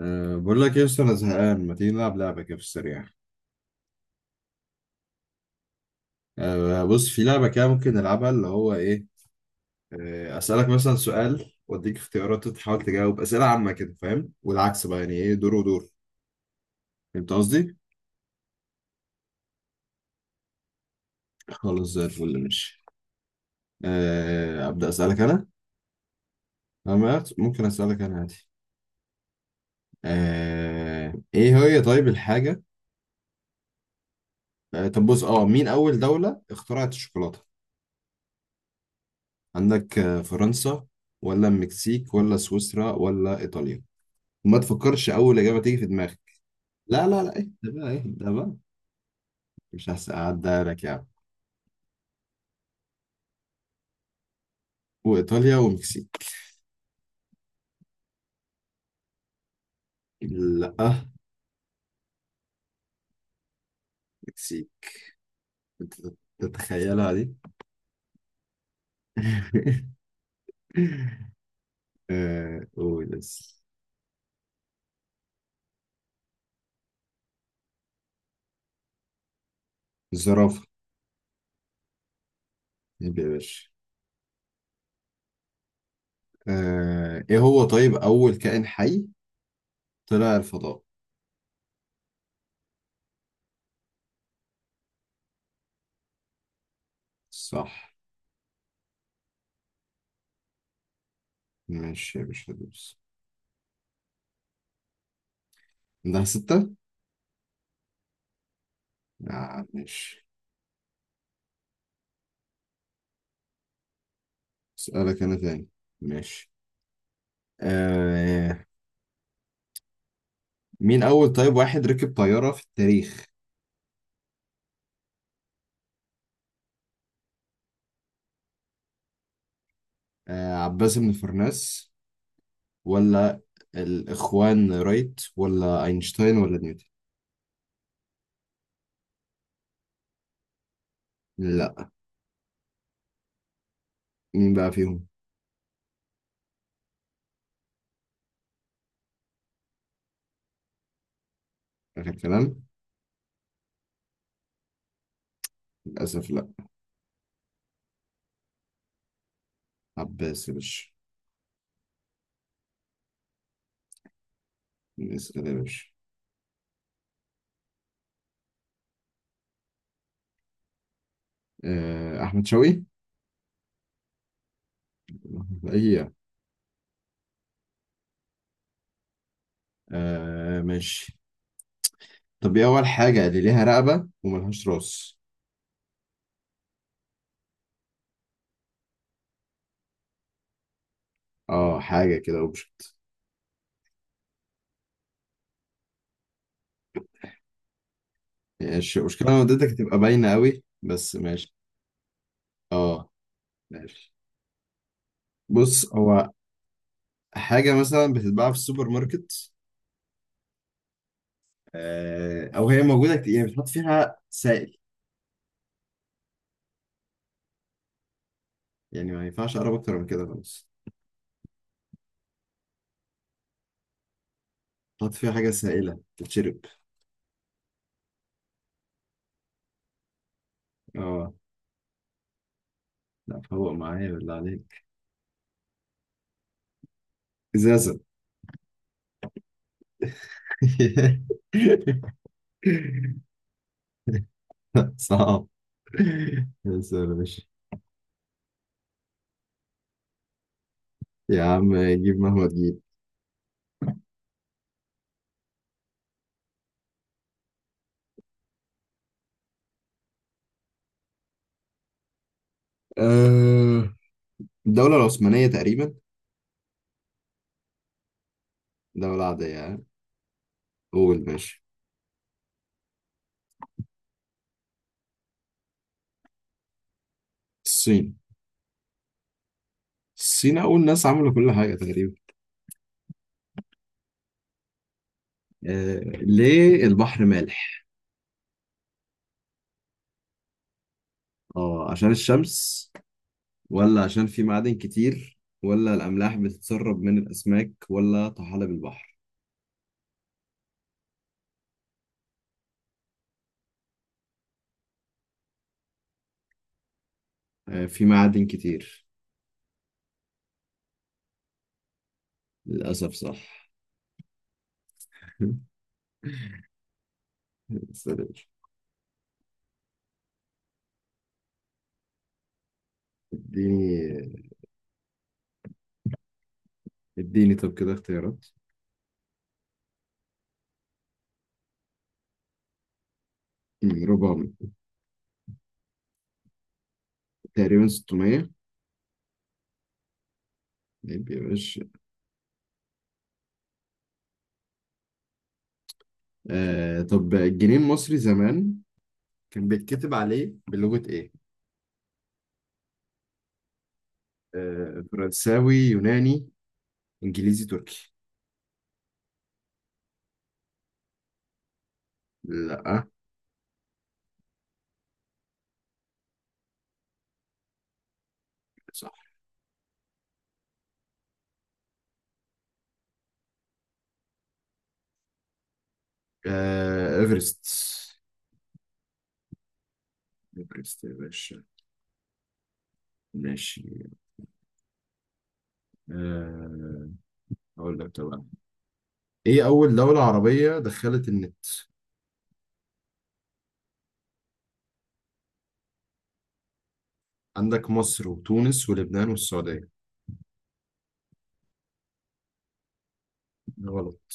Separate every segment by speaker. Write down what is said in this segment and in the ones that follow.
Speaker 1: بقول لك إيه يا اسطى، انا زهقان. ما تيجي نلعب لعبه كده في السريع؟ بص، في لعبه كده ممكن نلعبها، اللي هو ايه، اسالك مثلا سؤال واديك اختيارات، تحاول تجاوب اسئله عامه كده، فاهم؟ والعكس بقى، يعني ايه، دور ودور. فهمت قصدي؟ خلاص، زي الفل، ماشي. ابدا اسالك انا. أما ممكن اسالك انا عادي. ايه هي طيب الحاجه. طب بص، مين اول دوله اخترعت الشوكولاته؟ عندك فرنسا، ولا المكسيك، ولا سويسرا، ولا ايطاليا. وما تفكرش اول اجابه تيجي في دماغك. لا لا لا، اهدى بقى اهدى بقى. مش هساعدها لك يا عم. وايطاليا ومكسيك. لا. مكسيك. أنت تتخيلها دي. آه، قول بس. الزرافه. يبقى يا باشا. ايه هو طيب اول كائن حي طلع الفضاء؟ صح. ماشي يا باشا، دوس. عندها ستة؟ آه، ماشي. اسألك انا تاني. ماشي. آه. مين اول طيب واحد ركب طيارة في التاريخ؟ عباس بن فرناس، ولا الإخوان رايت، ولا أينشتاين، ولا نيوتن. لا. مين بقى فيهم؟ آخر كلام. للأسف لا. عباس يا باشا. اسأل يا باشا. أحمد شوقي. أيوة. آه، ماشي. طب إيه أول حاجة اللي ليها رقبة وملهاش راس؟ اه حاجة كده اوبجكت. ماشي، المشكلة لو اديتك هتبقى باينة قوي، بس ماشي. اه ماشي، بص هو حاجة مثلا بتتباع في السوبر ماركت، او هي موجوده كتير، يعني بتحط فيها سائل. يعني ما ينفعش اقرب اكتر من كده، خلاص. بتحط فيها حاجه سائله تتشرب. اه. لا، فوق معايا بالله عليك. ازازه. صعب بس يا باشا. يا عم جيب مهما تجيب. آه، الدوله العثمانيه تقريبا. دوله عاديه يعني، قول ماشي. الصين. الصين اول ناس عملوا كل حاجه تقريبا. ليه البحر مالح؟ اه عشان الشمس، ولا عشان في معادن كتير، ولا الأملاح بتتسرب من الأسماك، ولا طحالب البحر. في معادن كتير. للأسف صح. سوري. اديني اديني طب كده اختيارات. ربع. تقريبا 600. طيب يا باشا. طب الجنيه المصري زمان كان بيتكتب عليه بلغة ايه؟ فرنساوي، يوناني، انجليزي، تركي. لا. صح. ايفرست. ايفرست يا باشا. ماشي. آه، اقول لك طبعا. ايه اول دولة عربية دخلت النت؟ عندك مصر، وتونس، ولبنان، والسعودية. غلط.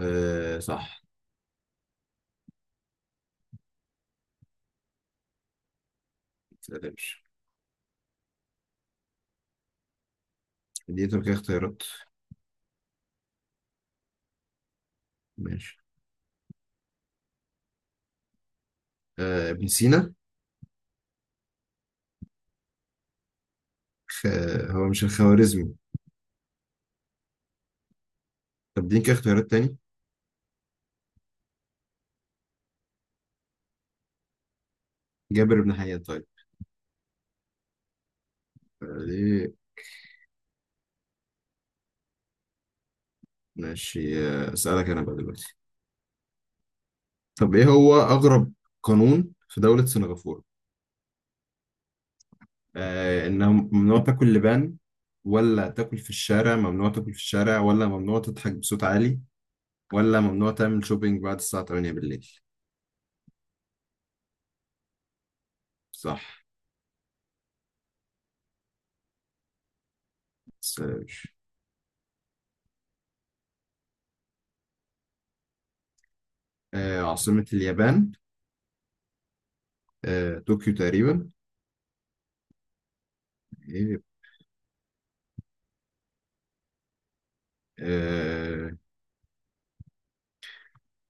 Speaker 1: آه صح. متقلقش. دي طب كده اختيارات. ماشي. ابن سينا. خ... هو مش الخوارزمي. طب دي كده اختيارات تاني. جابر بن حيان، طيب. آه، ليه. ماشي. اسألك انا بقى دلوقتي. طب ايه هو اغرب قانون في دولة سنغافورة؟ انها ممنوع تاكل لبان، ولا تاكل في الشارع ممنوع تاكل في الشارع، ولا ممنوع تضحك بصوت عالي، ولا ممنوع تعمل شوبينج بعد الساعة 8 بالليل. صح. سيرش. عاصمة اليابان. طوكيو تقريبا. إيه. آه،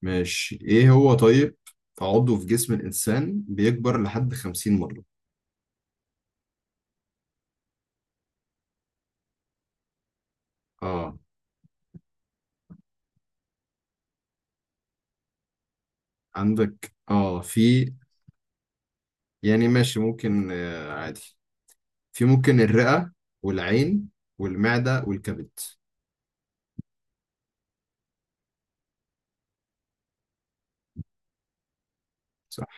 Speaker 1: ماشي. ايه هو طيب عضو في جسم الإنسان بيكبر لحد 50 مرة؟ اه. عندك في، يعني ماشي ممكن، عادي، في ممكن الرئة، والعين، والمعدة، والكبد. صح.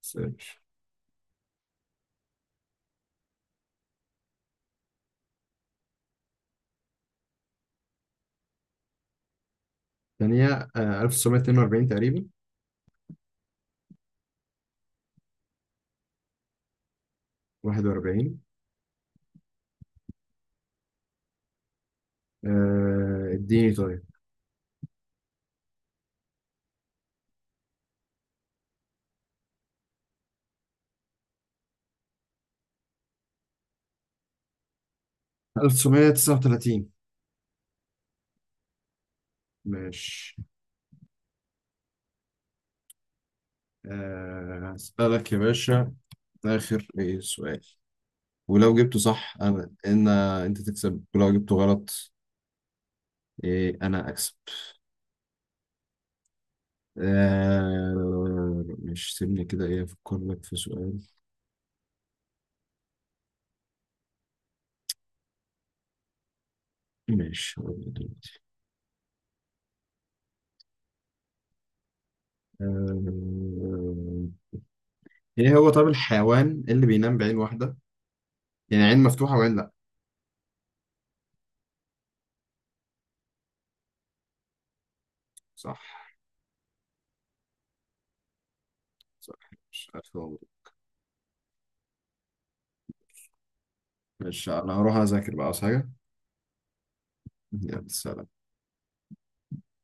Speaker 1: سيرش. ثانية. 1942 تقريبا. 41. اديني طيب. 1939. ماشي. هسألك يا باشا. آخر إيه سؤال؟ ولو جبته صح أنا إن أنت تكسب، ولو جبته غلط إيه أنا أكسب. مش سيبني كده، إيه، أفكر لك في سؤال. ماشي، هقول لك دلوقتي. آه. إيه هو طب الحيوان اللي بينام بعين واحدة؟ يعني عين مفتوحة وعين لأ. صح. صح. مش ألف مبروك. ماشي، أنا هروح أذاكر بقى، عاوز حاجة. يلا سلام.